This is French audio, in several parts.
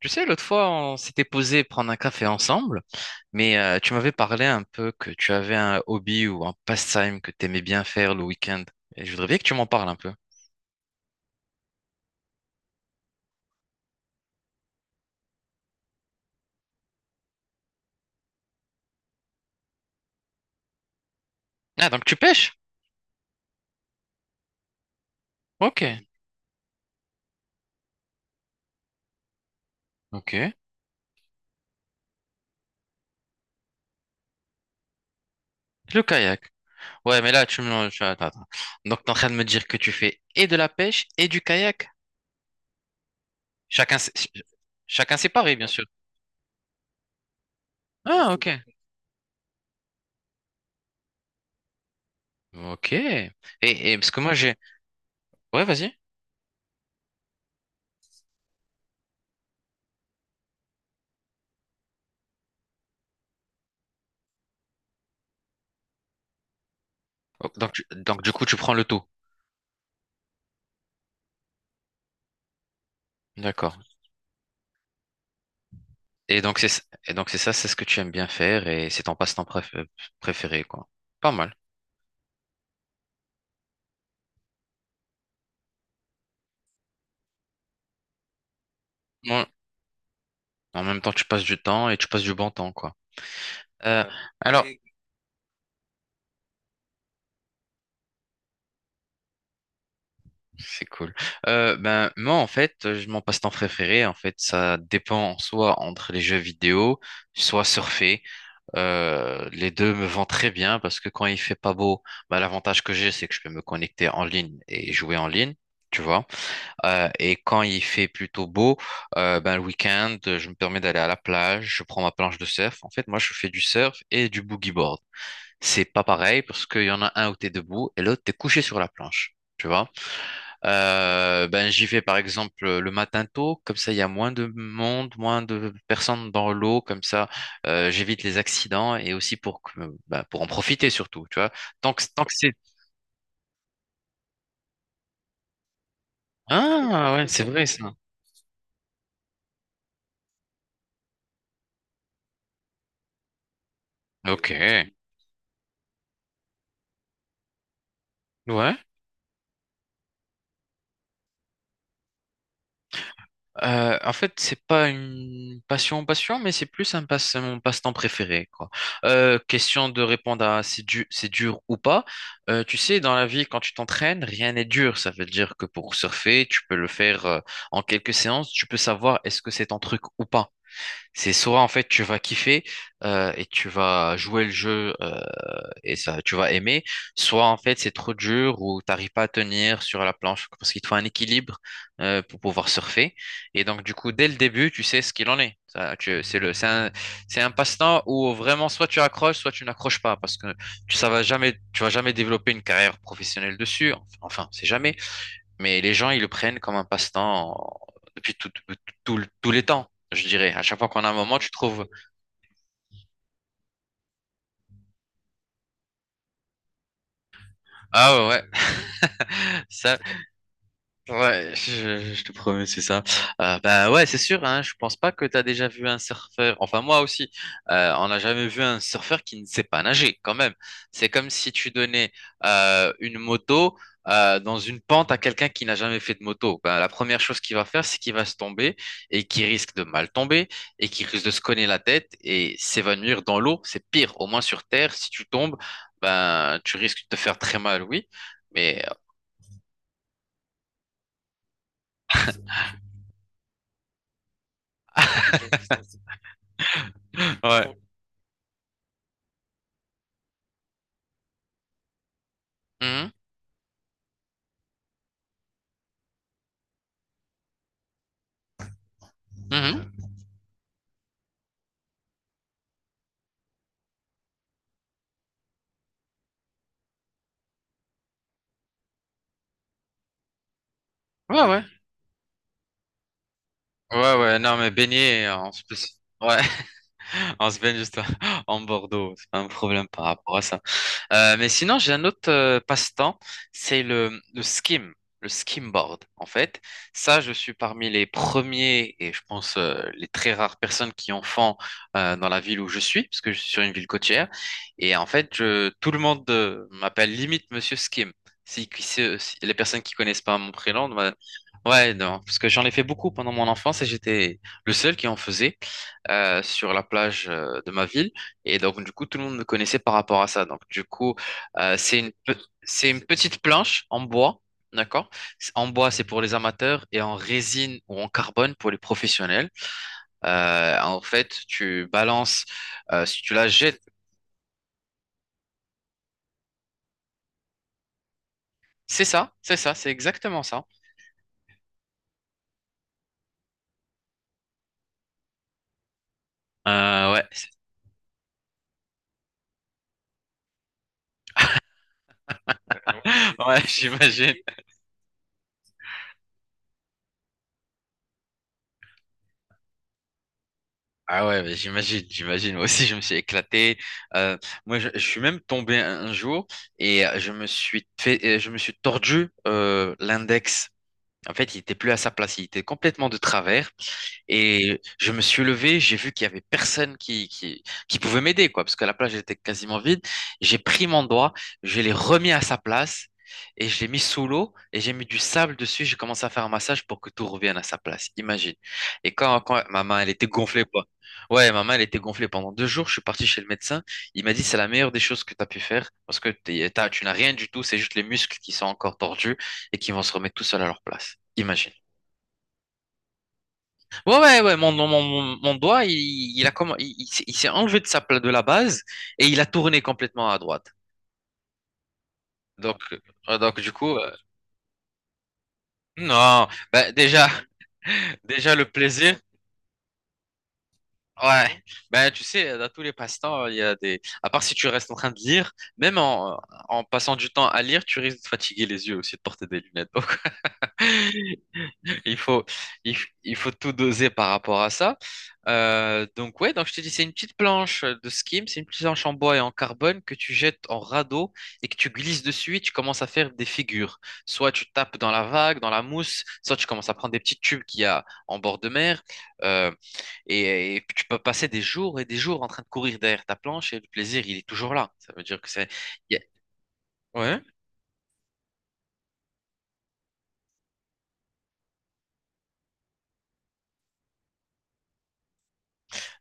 Tu sais, l'autre fois, on s'était posé prendre un café ensemble, mais tu m'avais parlé un peu que tu avais un hobby ou un pastime que tu aimais bien faire le week-end. Et je voudrais bien que tu m'en parles un peu. Ah, donc tu pêches? Ok, ok. Le kayak. Ouais, mais là, Attends, attends. Donc, t'es en train de me dire que tu fais et de la pêche et du kayak. Chacun, sé- Chacun séparé, bien sûr. Ah, ok. Ok. Et, parce que moi, j'ai... Ouais, vas-y. Oh, donc, du coup, tu prends le tout. D'accord. Et donc c'est et donc c'est ça, c'est ce que tu aimes bien faire et c'est ton préféré, quoi. Pas mal. Ouais. En même temps, tu passes du temps et tu passes du bon temps, quoi. Ouais. Alors, c'est cool. Ben moi, en fait, mon passe-temps préféré, en fait, ça dépend soit entre les jeux vidéo, soit surfer. Les deux me vont très bien parce que quand il fait pas beau, ben, l'avantage que j'ai, c'est que je peux me connecter en ligne et jouer en ligne. Tu vois. Et quand il fait plutôt beau, ben, le week-end, je me permets d'aller à la plage, je prends ma planche de surf. En fait, moi, je fais du surf et du boogie board. C'est pas pareil parce qu'il y en a un où t'es debout et l'autre, t'es couché sur la planche. Tu vois? Ben, j'y vais par exemple le matin tôt, comme ça il y a moins de monde, moins de personnes dans l'eau, comme ça j'évite les accidents et aussi pour, ben, pour en profiter surtout, tu vois. Tant que c'est. Ah ouais, c'est vrai ça. Ok. Ouais. En fait, c'est pas une passion, mais c'est plus mon passe-temps préféré, quoi. Question de répondre à c'est dur ou pas. Tu sais, dans la vie, quand tu t'entraînes, rien n'est dur. Ça veut dire que pour surfer, tu peux le faire en quelques séances. Tu peux savoir est-ce que c'est ton truc ou pas. C'est soit en fait tu vas kiffer et tu vas jouer le jeu et ça tu vas aimer, soit en fait c'est trop dur ou t'arrives pas à tenir sur la planche parce qu'il te faut un équilibre pour pouvoir surfer. Et donc du coup dès le début tu sais ce qu'il en est. C'est c'est c'est un passe-temps où vraiment soit tu accroches, soit tu n'accroches pas parce que tu ça va jamais, tu vas jamais développer une carrière professionnelle dessus. Enfin, c'est jamais. Mais les gens, ils le prennent comme un passe-temps depuis tous les temps, je dirais. À chaque fois qu'on a un moment, tu trouves, ah ouais, ouais, ça, ouais, je te promets, c'est ça. Bah ouais, c'est sûr, hein, je pense pas que t'as déjà vu un surfeur, enfin moi aussi, on n'a jamais vu un surfeur qui ne sait pas nager quand même. C'est comme si tu donnais une moto dans une pente à quelqu'un qui n'a jamais fait de moto. Ben, la première chose qu'il va faire, c'est qu'il va se tomber et qui risque de mal tomber et qui risque de se cogner la tête et s'évanouir dans l'eau. C'est pire, au moins sur Terre, si tu tombes, ben, tu risques de te faire très mal, oui. Mais... Ouais. Mhm, mhm. Ouais, ouais. Ouais, ouais, non, mais baigner, on se, ouais, on se baigne juste en Bordeaux, c'est pas un problème par rapport à ça. Mais sinon, j'ai un autre passe-temps, c'est le skim, le skimboard, en fait. Ça, je suis parmi les premiers et je pense les très rares personnes qui en font dans la ville où je suis, parce que je suis sur une ville côtière. Et en fait, tout le monde m'appelle limite Monsieur Skim. Si les personnes qui connaissent pas mon prénom, bah, ouais, non, parce que j'en ai fait beaucoup pendant mon enfance et j'étais le seul qui en faisait sur la plage de ma ville. Et donc, du coup, tout le monde me connaissait par rapport à ça. Donc, du coup, c'est c'est une petite planche en bois, d'accord? En bois, c'est pour les amateurs et en résine ou en carbone pour les professionnels. En fait, tu balances, si tu la jettes, c'est ça, c'est ça, c'est exactement ça. Euh, ouais, ouais, j'imagine. Ah ouais, mais j'imagine, j'imagine. Moi aussi, je me suis éclaté. Euh, moi, je suis même tombé un jour et je me suis je me suis tordu l'index. En fait, il était plus à sa place, il était complètement de travers. Et je me suis levé, j'ai vu qu'il y avait personne qui pouvait m'aider, quoi, parce que la plage était quasiment vide. J'ai pris mon doigt, je l'ai remis à sa place et je l'ai mis sous l'eau et j'ai mis du sable dessus. J'ai commencé à faire un massage pour que tout revienne à sa place. Imagine. Et quand ma main, elle était gonflée, quoi. Ouais, ma main, elle était gonflée pendant deux jours. Je suis parti chez le médecin. Il m'a dit, c'est la meilleure des choses que tu as pu faire parce que tu n'as rien du tout. C'est juste les muscles qui sont encore tordus et qui vont se remettre tout seuls à leur place. Imagine. Ouais, ouais, ouais, mon doigt, il a comme, il s'est enlevé de de la base et il a tourné complètement à droite. Donc, donc du coup, non, ben, déjà, déjà le plaisir. Ouais, ben tu sais, dans tous les passe-temps, il y a des. À part si tu restes en train de lire, même en, en passant du temps à lire, tu risques de fatiguer les yeux aussi, de porter des lunettes. Donc, Il faut, il faut tout doser par rapport à ça. Donc ouais, donc je te dis, c'est une petite planche de skim, c'est une petite planche en bois et en carbone que tu jettes en radeau et que tu glisses dessus et tu commences à faire des figures. Soit tu tapes dans la vague, dans la mousse, soit tu commences à prendre des petits tubes qu'il y a en bord de mer. euh, et et, tu peux passer des jours et des jours en train de courir derrière ta planche et le plaisir, il est toujours là. Ça veut dire que c'est... il y a- Ouais.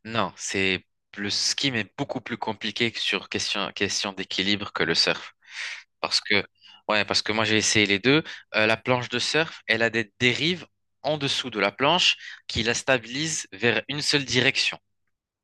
Non, c'est le ski mais beaucoup plus compliqué que sur question d'équilibre que le surf. Parce que, ouais, parce que moi j'ai essayé les deux. La planche de surf, elle a des dérives en dessous de la planche qui la stabilisent vers une seule direction.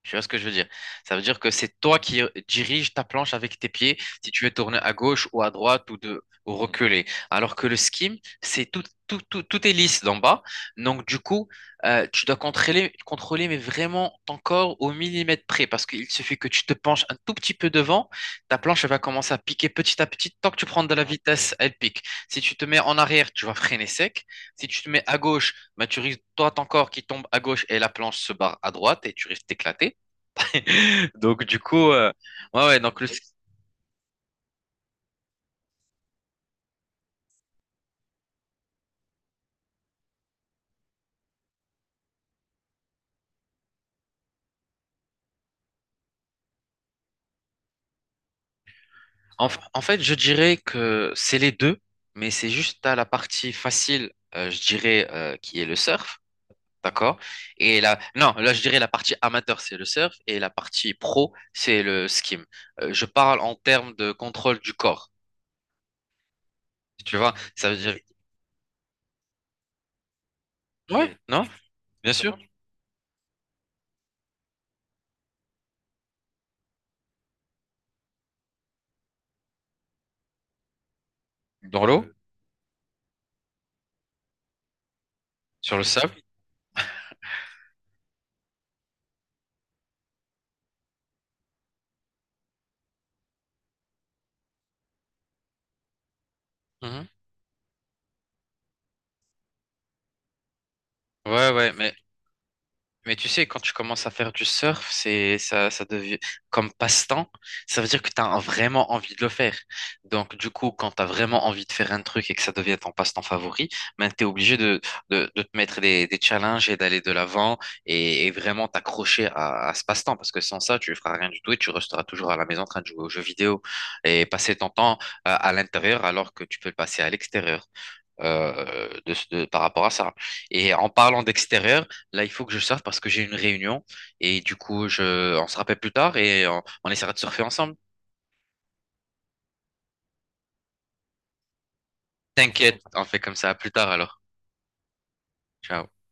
Tu vois ce que je veux dire? Ça veut dire que c'est toi qui dirige ta planche avec tes pieds, si tu veux tourner à gauche ou à droite ou reculer. Alors que le skim, c'est tout est lisse d'en bas. Donc, du coup, tu dois contrôler, mais vraiment ton corps au millimètre près. Parce qu'il suffit que tu te penches un tout petit peu devant, ta planche elle va commencer à piquer petit à petit. Tant que tu prends de la vitesse, elle pique. Si tu te mets en arrière, tu vas freiner sec. Si tu te mets à gauche, bah, tu risques, toi, ton corps qui tombe à gauche et la planche se barre à droite et tu risques d'éclater. Donc, du coup, ouais, ouais, en, en fait, je dirais que c'est les deux, mais c'est juste à la partie facile, je dirais, qui est le surf, d'accord? Et là, non, là, je dirais la partie amateur, c'est le surf, et la partie pro, c'est le skim. Je parle en termes de contrôle du corps, tu vois? Ça veut dire, ouais, non, bien sûr, dans l'eau, sur le sable. Mhm. Ouais, ouais, mais tu sais, quand tu commences à faire du surf, c'est ça, ça devient comme passe-temps, ça veut dire que tu as vraiment envie de le faire. Donc, du coup, quand tu as vraiment envie de faire un truc et que ça devient ton passe-temps favori, ben, tu es obligé de te mettre des challenges et d'aller de l'avant et vraiment t'accrocher à ce passe-temps parce que sans ça, tu feras rien du tout et tu resteras toujours à la maison en train de jouer aux jeux vidéo et passer ton temps à l'intérieur alors que tu peux le passer à l'extérieur par rapport à ça. Et en parlant d'extérieur, là, il faut que je sorte parce que j'ai une réunion et du coup, on se rappelle plus tard et on essaiera de surfer ensemble. T'inquiète, on fait comme ça. À plus tard alors. Ciao.